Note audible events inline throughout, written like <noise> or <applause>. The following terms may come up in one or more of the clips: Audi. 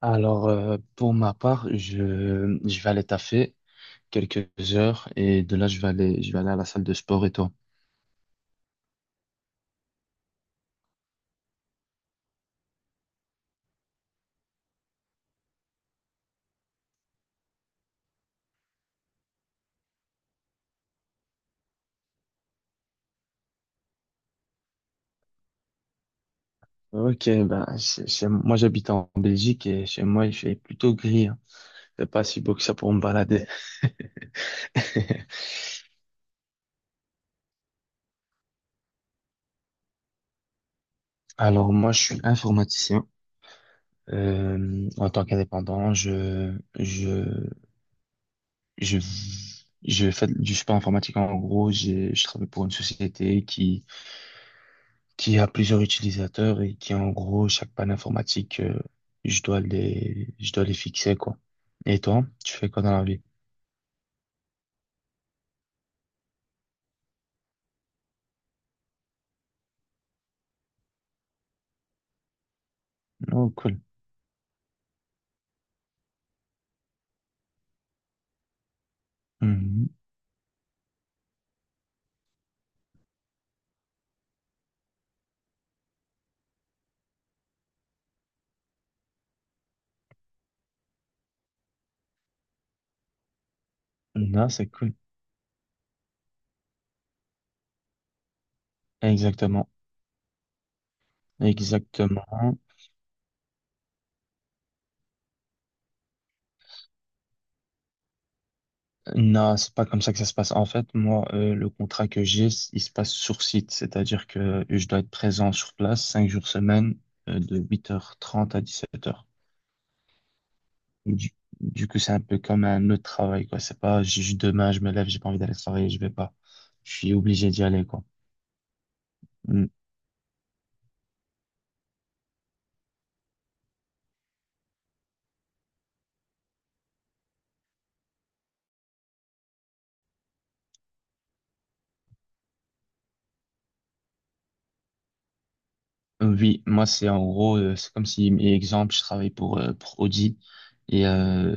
Alors, pour ma part, je vais aller taffer quelques heures et de là, je vais aller à la salle de sport. Et toi? Ok, ben, moi, j'habite en Belgique et chez moi, il fait plutôt gris. Hein. C'est pas si beau que ça pour me balader. <laughs> Alors, moi, je suis informaticien. En tant qu'indépendant, je, je fais du support informatique. En gros, je travaille pour une société qui a plusieurs utilisateurs et qui, en gros, chaque panne informatique, je dois les fixer, quoi. Et toi, tu fais quoi dans la vie? Oh, cool. Mhm. Non, c'est cool. Exactement. Exactement. Non, c'est pas comme ça que ça se passe. En fait, moi, le contrat que j'ai, il se passe sur site. C'est-à-dire que je dois être présent sur place 5 jours semaine, de 8h30 à 17h. Du, du coup, c'est un peu comme un autre travail, quoi. C'est pas juste demain, je me lève, j'ai pas envie d'aller travailler, je vais pas. Je suis obligé d'y aller, quoi. Mm. Oui, moi, c'est en gros, c'est comme si, exemple, je travaille pour Audi et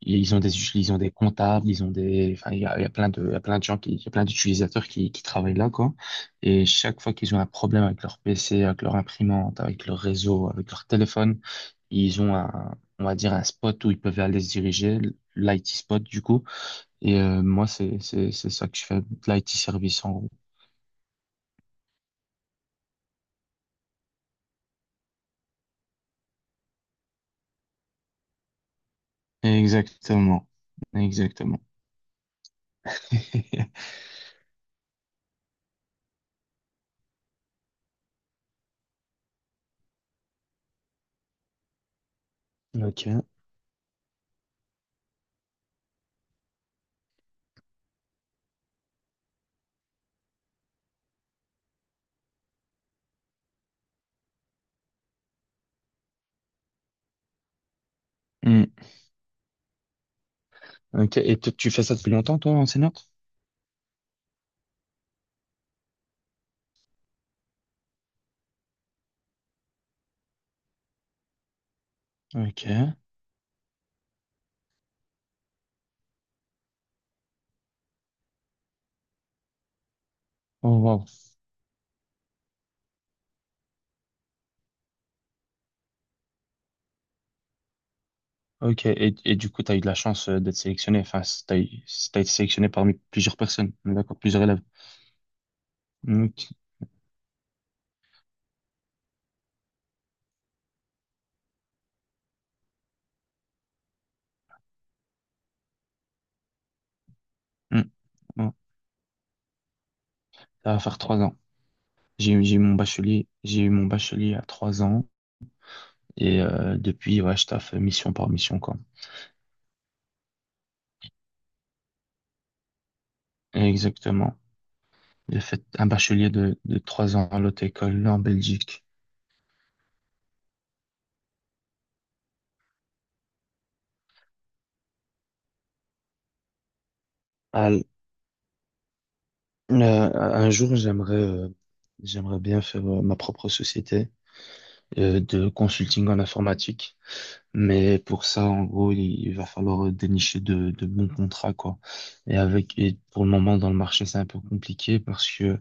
ils ont des comptables, enfin, il y a plein de gens il y a plein d'utilisateurs qui travaillent là, quoi. Et chaque fois qu'ils ont un problème avec leur PC, avec leur imprimante, avec leur réseau, avec leur téléphone, ils ont un, on va dire, un spot où ils peuvent aller se diriger, l'IT spot, du coup. Et moi, c'est ça que je fais, de l'IT service en gros. Exactement. Exactement. <laughs> Ok. Hmm. Ok. Et tu fais ça depuis longtemps, toi, enseignante? Ok. Oh, wow. Ok. Et du coup, tu as eu de la chance d'être sélectionné. Enfin, tu as été sélectionné parmi plusieurs personnes. D'accord, plusieurs élèves. Ok. Hmm. Ouais. Ça va faire 3 ans. J'ai eu mon bachelier. J'ai eu mon bachelier à 3 ans. Et depuis, ouais, je taffe mission par mission, quoi. Exactement. J'ai fait un bachelier de 3 ans à l'autre école là en Belgique. À l- un jour, j'aimerais bien faire ma propre société de consulting en informatique. Mais pour ça, en gros, il va falloir dénicher de bons contrats, quoi. Et avec, et pour le moment, dans le marché, c'est un peu compliqué parce que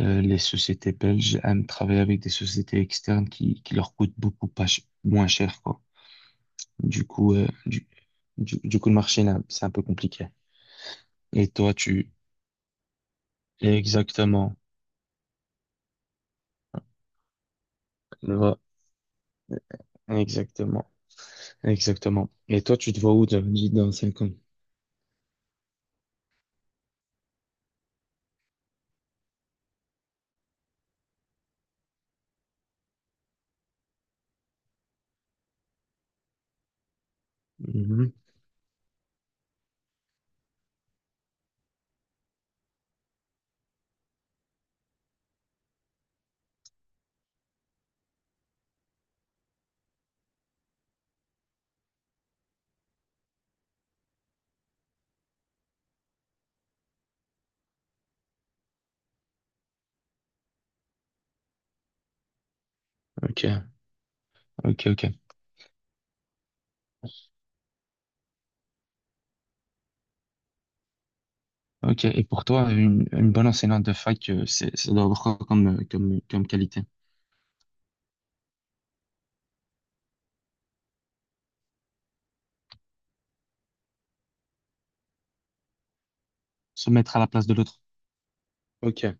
les sociétés belges aiment travailler avec des sociétés externes qui leur coûtent beaucoup pas ch- moins cher, quoi. Du coup, du coup, le marché, là, c'est un peu compliqué. Et toi, tu... Exactement. Va- Exactement. Exactement. Et toi, tu te vois où, dit dans 5 ans? Mhm. Ok, ok, ok. Ok. Et pour toi, une bonne enseignante de fac, c'est, ça doit avoir quoi comme, comme qualité? Se mettre à la place de l'autre. Ok.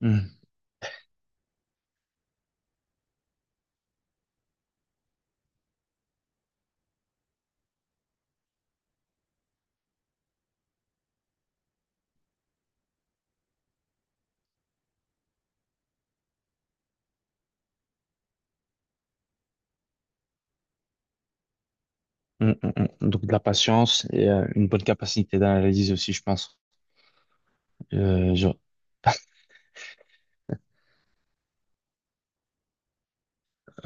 Mhm. Mhm, mhm, mhm. Donc, de la patience et une bonne capacité d'analyse aussi, je pense. Euh,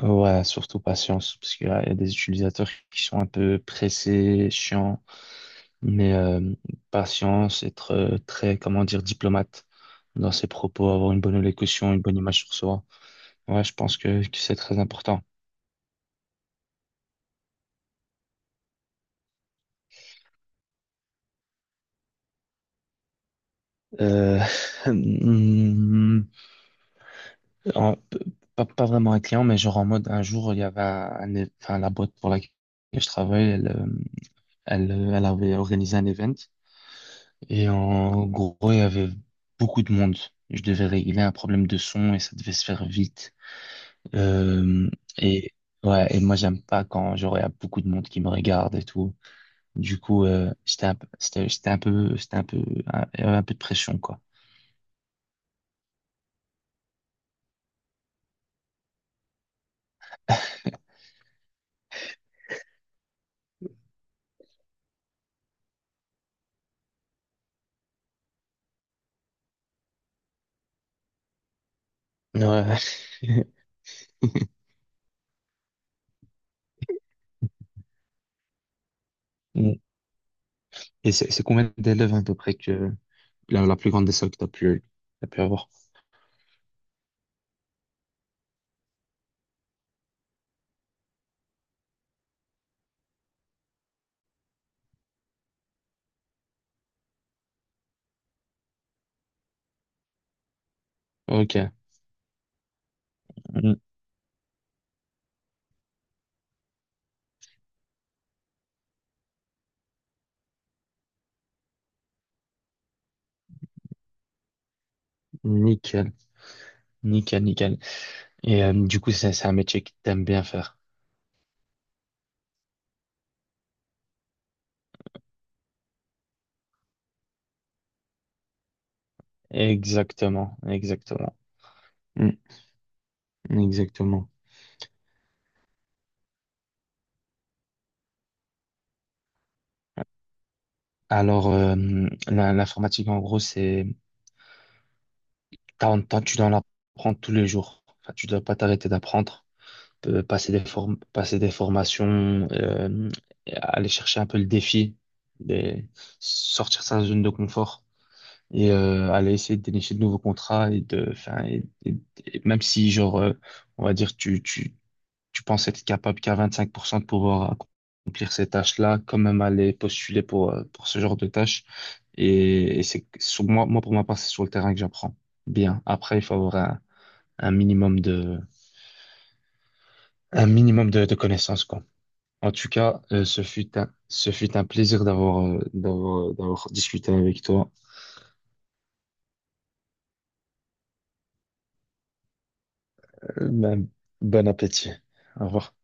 Ouais, surtout patience, parce qu'il y a des utilisateurs qui sont un peu pressés, chiants, mais patience, être très, comment dire, diplomate dans ses propos, avoir une bonne élocution, une bonne image sur soi. Ouais, je pense que c'est très important. Euh, <laughs> hmm, en- pas, pas vraiment un client, mais genre en mode, un jour, il y avait enfin, la boîte pour laquelle je travaille, elle avait organisé un event. Et en gros, il y avait beaucoup de monde. Je devais régler un problème de son et ça devait se faire vite. Euh, et ouais, et moi j'aime pas quand genre il y a beaucoup de monde qui me regarde et tout. Du coup, c'était un peu, il y avait un peu de pression, quoi. Ouais. <laughs> Et c'est combien d'élèves à peu près que la plus grande des salles que t'as pu avoir? Ok. Mm. Nickel, nickel, nickel. Et du coup, c'est un métier que t'aimes bien faire. Exactement, exactement. Mm, exactement. Alors, l'informatique, en gros, tu dois en apprendre tous les jours. Enfin, tu dois pas t'arrêter d'apprendre. Passer des formations, et aller chercher un peu le défi, des- sortir de sa zone de confort et aller essayer de dénicher de nouveaux contrats et de, enfin, et même si genre, on va dire, tu penses être capable qu'à 25% de pouvoir accomplir ces tâches-là, quand même aller postuler pour ce genre de tâches. Et c'est sur moi, moi, pour ma part, c'est sur le terrain que j'apprends bien. Après, il faut avoir un minimum de, un minimum de connaissances, quoi. En tout cas, ce fut un plaisir d'avoir, d'avoir discuté avec toi. Euh, ben, bon appétit. Au revoir.